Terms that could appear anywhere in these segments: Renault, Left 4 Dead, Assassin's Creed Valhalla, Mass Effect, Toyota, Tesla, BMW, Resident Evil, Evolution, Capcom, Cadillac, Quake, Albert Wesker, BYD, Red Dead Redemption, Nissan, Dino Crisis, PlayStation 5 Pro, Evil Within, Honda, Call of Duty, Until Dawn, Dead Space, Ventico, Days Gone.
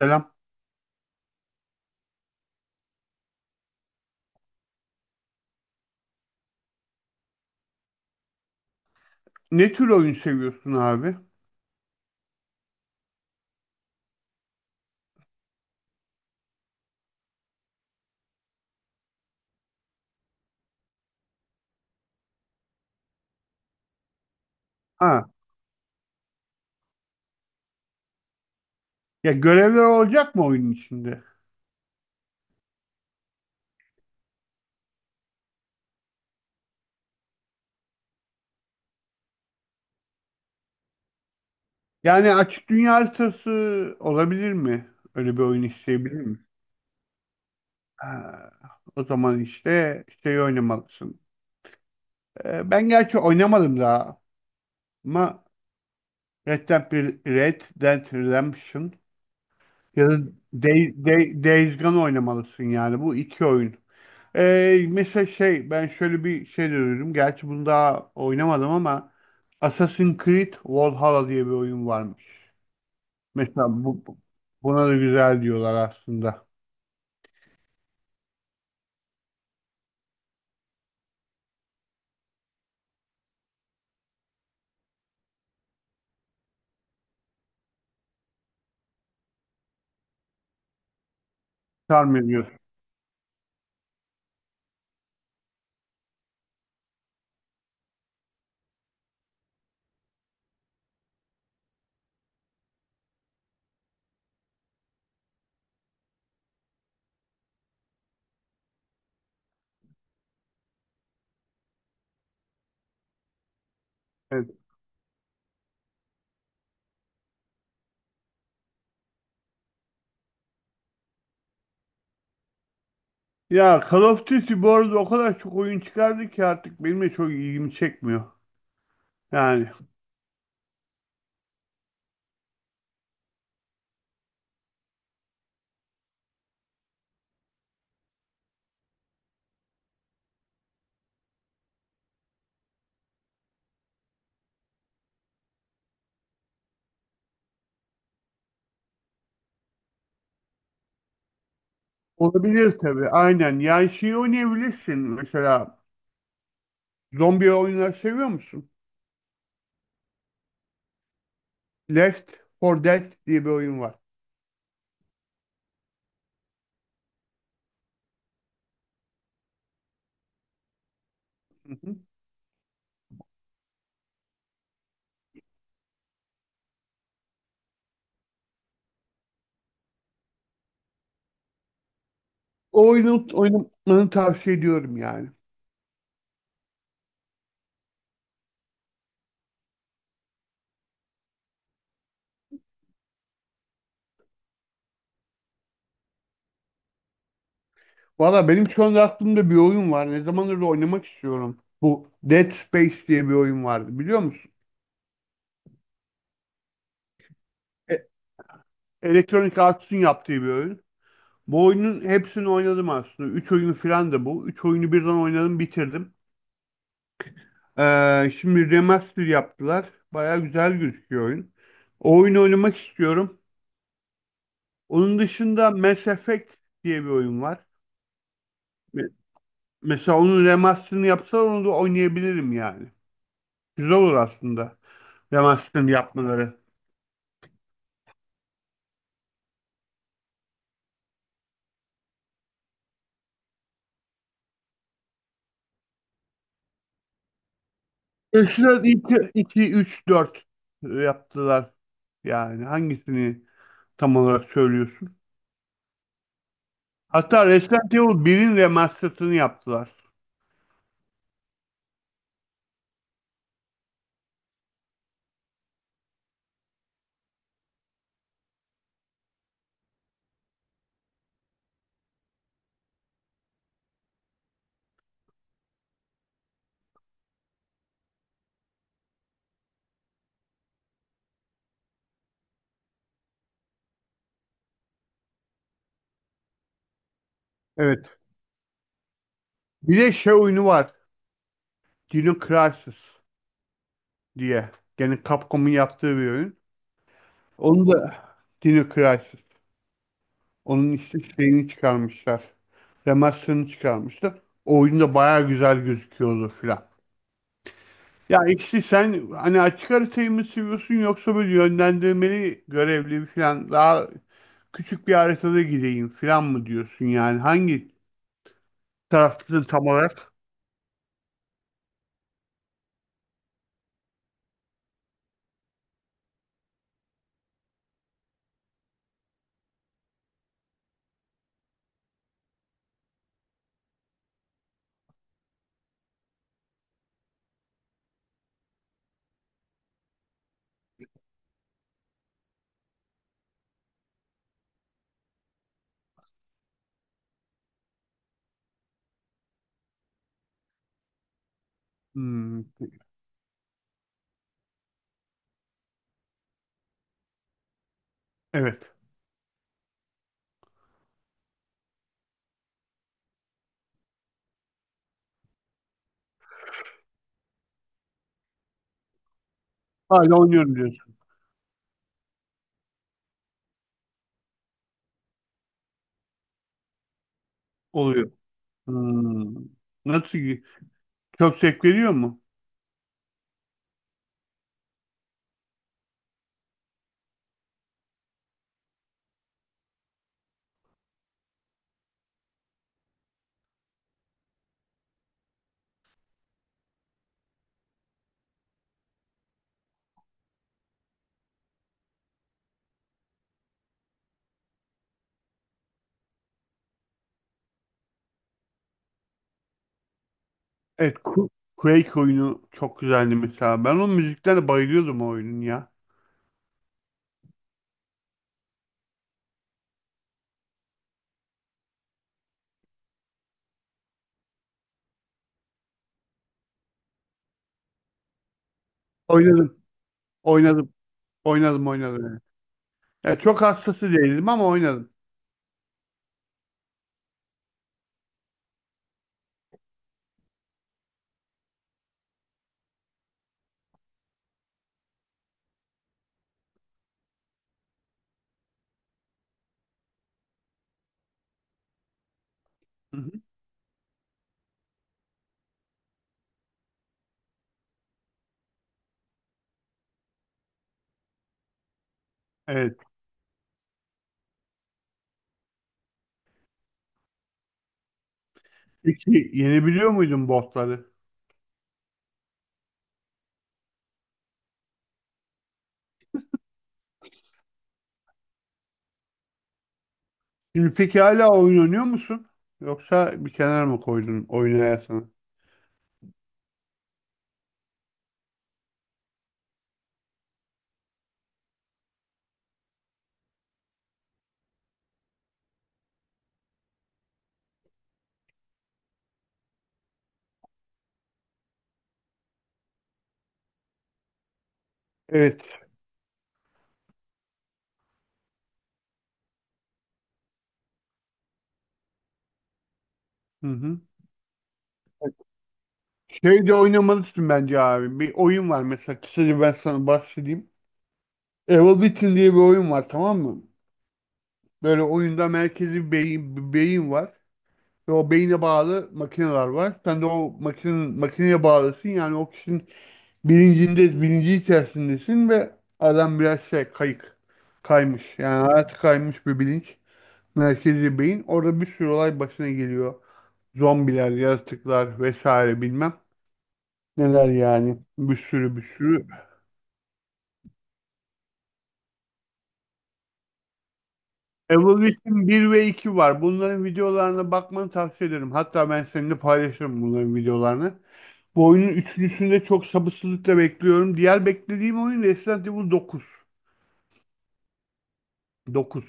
Selam. Ne tür oyun seviyorsun abi? Ha, ya görevler olacak mı oyunun içinde? Yani açık dünya haritası olabilir mi? Öyle bir oyun isteyebilir mi? Ha, o zaman işte şey oynamalısın. Ben gerçi oynamadım daha ama Red Dead, Red Dead Redemption ya da Days Gone oynamalısın yani bu iki oyun. Mesela şey ben şöyle bir şey de duydum. Gerçi bunu daha oynamadım ama Assassin's Creed Valhalla diye bir oyun varmış. Mesela buna da güzel diyorlar aslında. Sarmıyor diyorsun. Evet. Ya Call of Duty bu arada o kadar çok oyun çıkardı ki artık benim de çok ilgimi çekmiyor. Yani olabilir tabii aynen. Yani şeyi oynayabilirsin mesela zombi oyunları seviyor musun? Left 4 Dead diye bir oyun var. O oyunu oynamanı tavsiye ediyorum yani. Valla benim şu anda aklımda bir oyun var. Ne zamandır da oynamak istiyorum. Bu Dead Space diye bir oyun vardı biliyor musun? E Electronic Arts'ın yaptığı bir oyun. Bu oyunun hepsini oynadım aslında. Üç oyunu falan da bu. Üç oyunu birden oynadım bitirdim. Şimdi remaster yaptılar. Baya güzel gözüküyor oyun. O oyunu oynamak istiyorum. Onun dışında Mass Effect diye bir oyun var. Me- Mesela onun remasterını yapsalar onu da oynayabilirim yani. Güzel olur aslında. Hemen yapmaları. Eşler 2, 2, 3, 4 yaptılar. Yani hangisini tam olarak söylüyorsun? Hatta Resident Evil 1'in remastered'ını yaptılar. Evet. Bir de şey oyunu var. Dino Crisis diye. Yani Capcom'un yaptığı bir oyun. Onu da Dino Crisis. Onun işte şeyini çıkarmışlar. Remaster'ını çıkarmışlar. O oyun da bayağı güzel gözüküyordu filan. Ya ikisi sen hani açık haritayı mı seviyorsun yoksa böyle yönlendirmeli görevli falan daha küçük bir haritada gideyim falan mı diyorsun yani hangi taraftasın tam olarak? Hmm, evet. Hala oynuyorum diyorsun. Oluyor. Hmm. Nasıl ki? Çok zevk veriyor mu? Evet. Quake oyunu çok güzeldi mesela. Ben onun müziklerine bayılıyordum o oyunun ya. Oynadım. Oynadım. Oynadım. Oynadım. Evet. Ya çok hastası değildim ama oynadım. Hı hı. Evet. Peki yenebiliyor muydun botları? Şimdi peki hala oyun oynuyor musun? Yoksa bir kenara mı koydun oynayasını? Evet. Hı hı. Şey de oynamalısın bence abi. Bir oyun var mesela kısaca ben sana bahsedeyim. Evil Within diye bir oyun var tamam mı? Böyle oyunda merkezi bir beyin, bir beyin var. Ve o beyine bağlı makineler var. Sen de o makine, makineye bağlısın. Yani o kişinin bilincinde, bilinci içerisindesin ve adam biraz şey kayık kaymış. Yani hayatı kaymış bir bilinç. Merkezi beyin. Orada bir sürü olay başına geliyor. Zombiler, yaratıklar vesaire bilmem. Neler yani. Bir sürü bir sürü. Evolution bir ve 2 var. Bunların videolarına bakmanı tavsiye ederim. Hatta ben seninle paylaşırım bunların videolarını. Bu oyunun üçüncüsünü de çok sabırsızlıkla bekliyorum. Diğer beklediğim oyun Resident Evil dokuz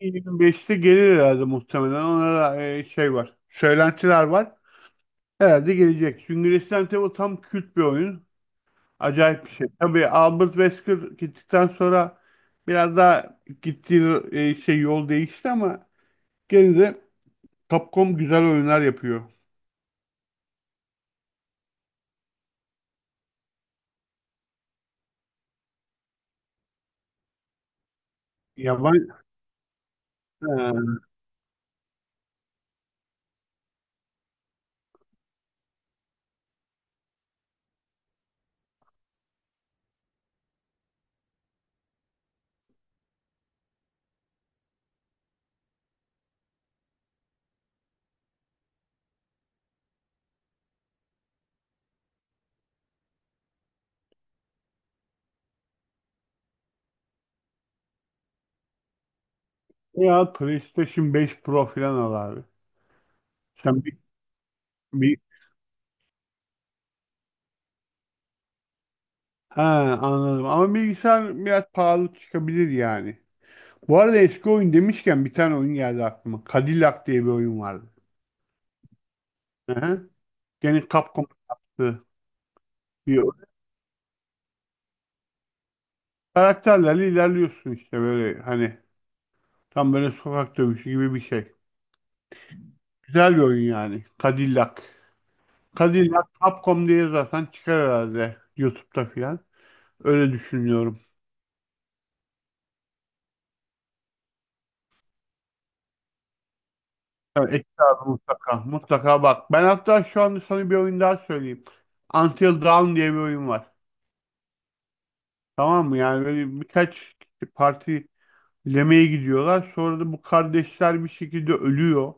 25'te gelir herhalde muhtemelen. Ona şey var. Söylentiler var. Herhalde gelecek. Çünkü Resident Evil tam kült bir oyun. Acayip bir şey. Tabii Albert Wesker gittikten sonra biraz daha gittiği şey yol değişti ama gene de Capcom güzel oyunlar yapıyor. Yaban He, ya PlayStation 5 Pro falan al abi. Sen bir, bir- ha, anladım. Ama bilgisayar biraz pahalı çıkabilir yani. Bu arada eski oyun demişken bir tane oyun geldi aklıma. Cadillac diye bir oyun vardı. Hı hı. Gene Capcom yaptı. Bir oyun. Karakterlerle ilerliyorsun işte böyle hani tam böyle sokak dövüşü gibi bir şey. Güzel bir oyun yani. Cadillac. Cadillac Capcom diye zaten çıkar herhalde YouTube'da filan. Öyle düşünüyorum. Evet, Ekin abi mutlaka. Mutlaka bak. Ben hatta şu anda sana bir oyun daha söyleyeyim. Until Dawn diye bir oyun var. Tamam mı? Yani böyle birkaç parti yemeğe gidiyorlar. Sonra da bu kardeşler bir şekilde ölüyor.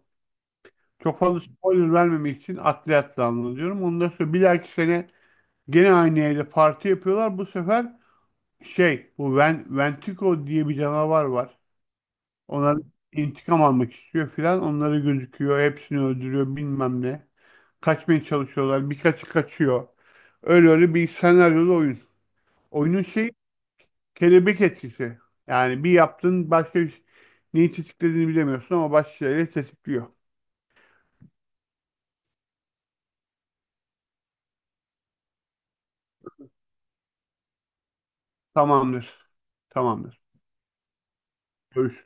Çok fazla spoiler vermemek için atlı atlı anlatıyorum. Ondan sonra bir dahaki sene gene aynı yerde parti yapıyorlar. Bu sefer şey bu Ventico diye bir canavar var. Onlar intikam almak istiyor filan. Onları gözüküyor. Hepsini öldürüyor bilmem ne. Kaçmaya çalışıyorlar. Birkaçı kaçıyor. Öyle öyle bir senaryolu oyun. Oyunun şeyi kelebek etkisi. Yani bir yaptın başka bir neyi tetiklediğini bilemiyorsun ama başka şeyleri tetikliyor. Tamamdır. Tamamdır. Görüş.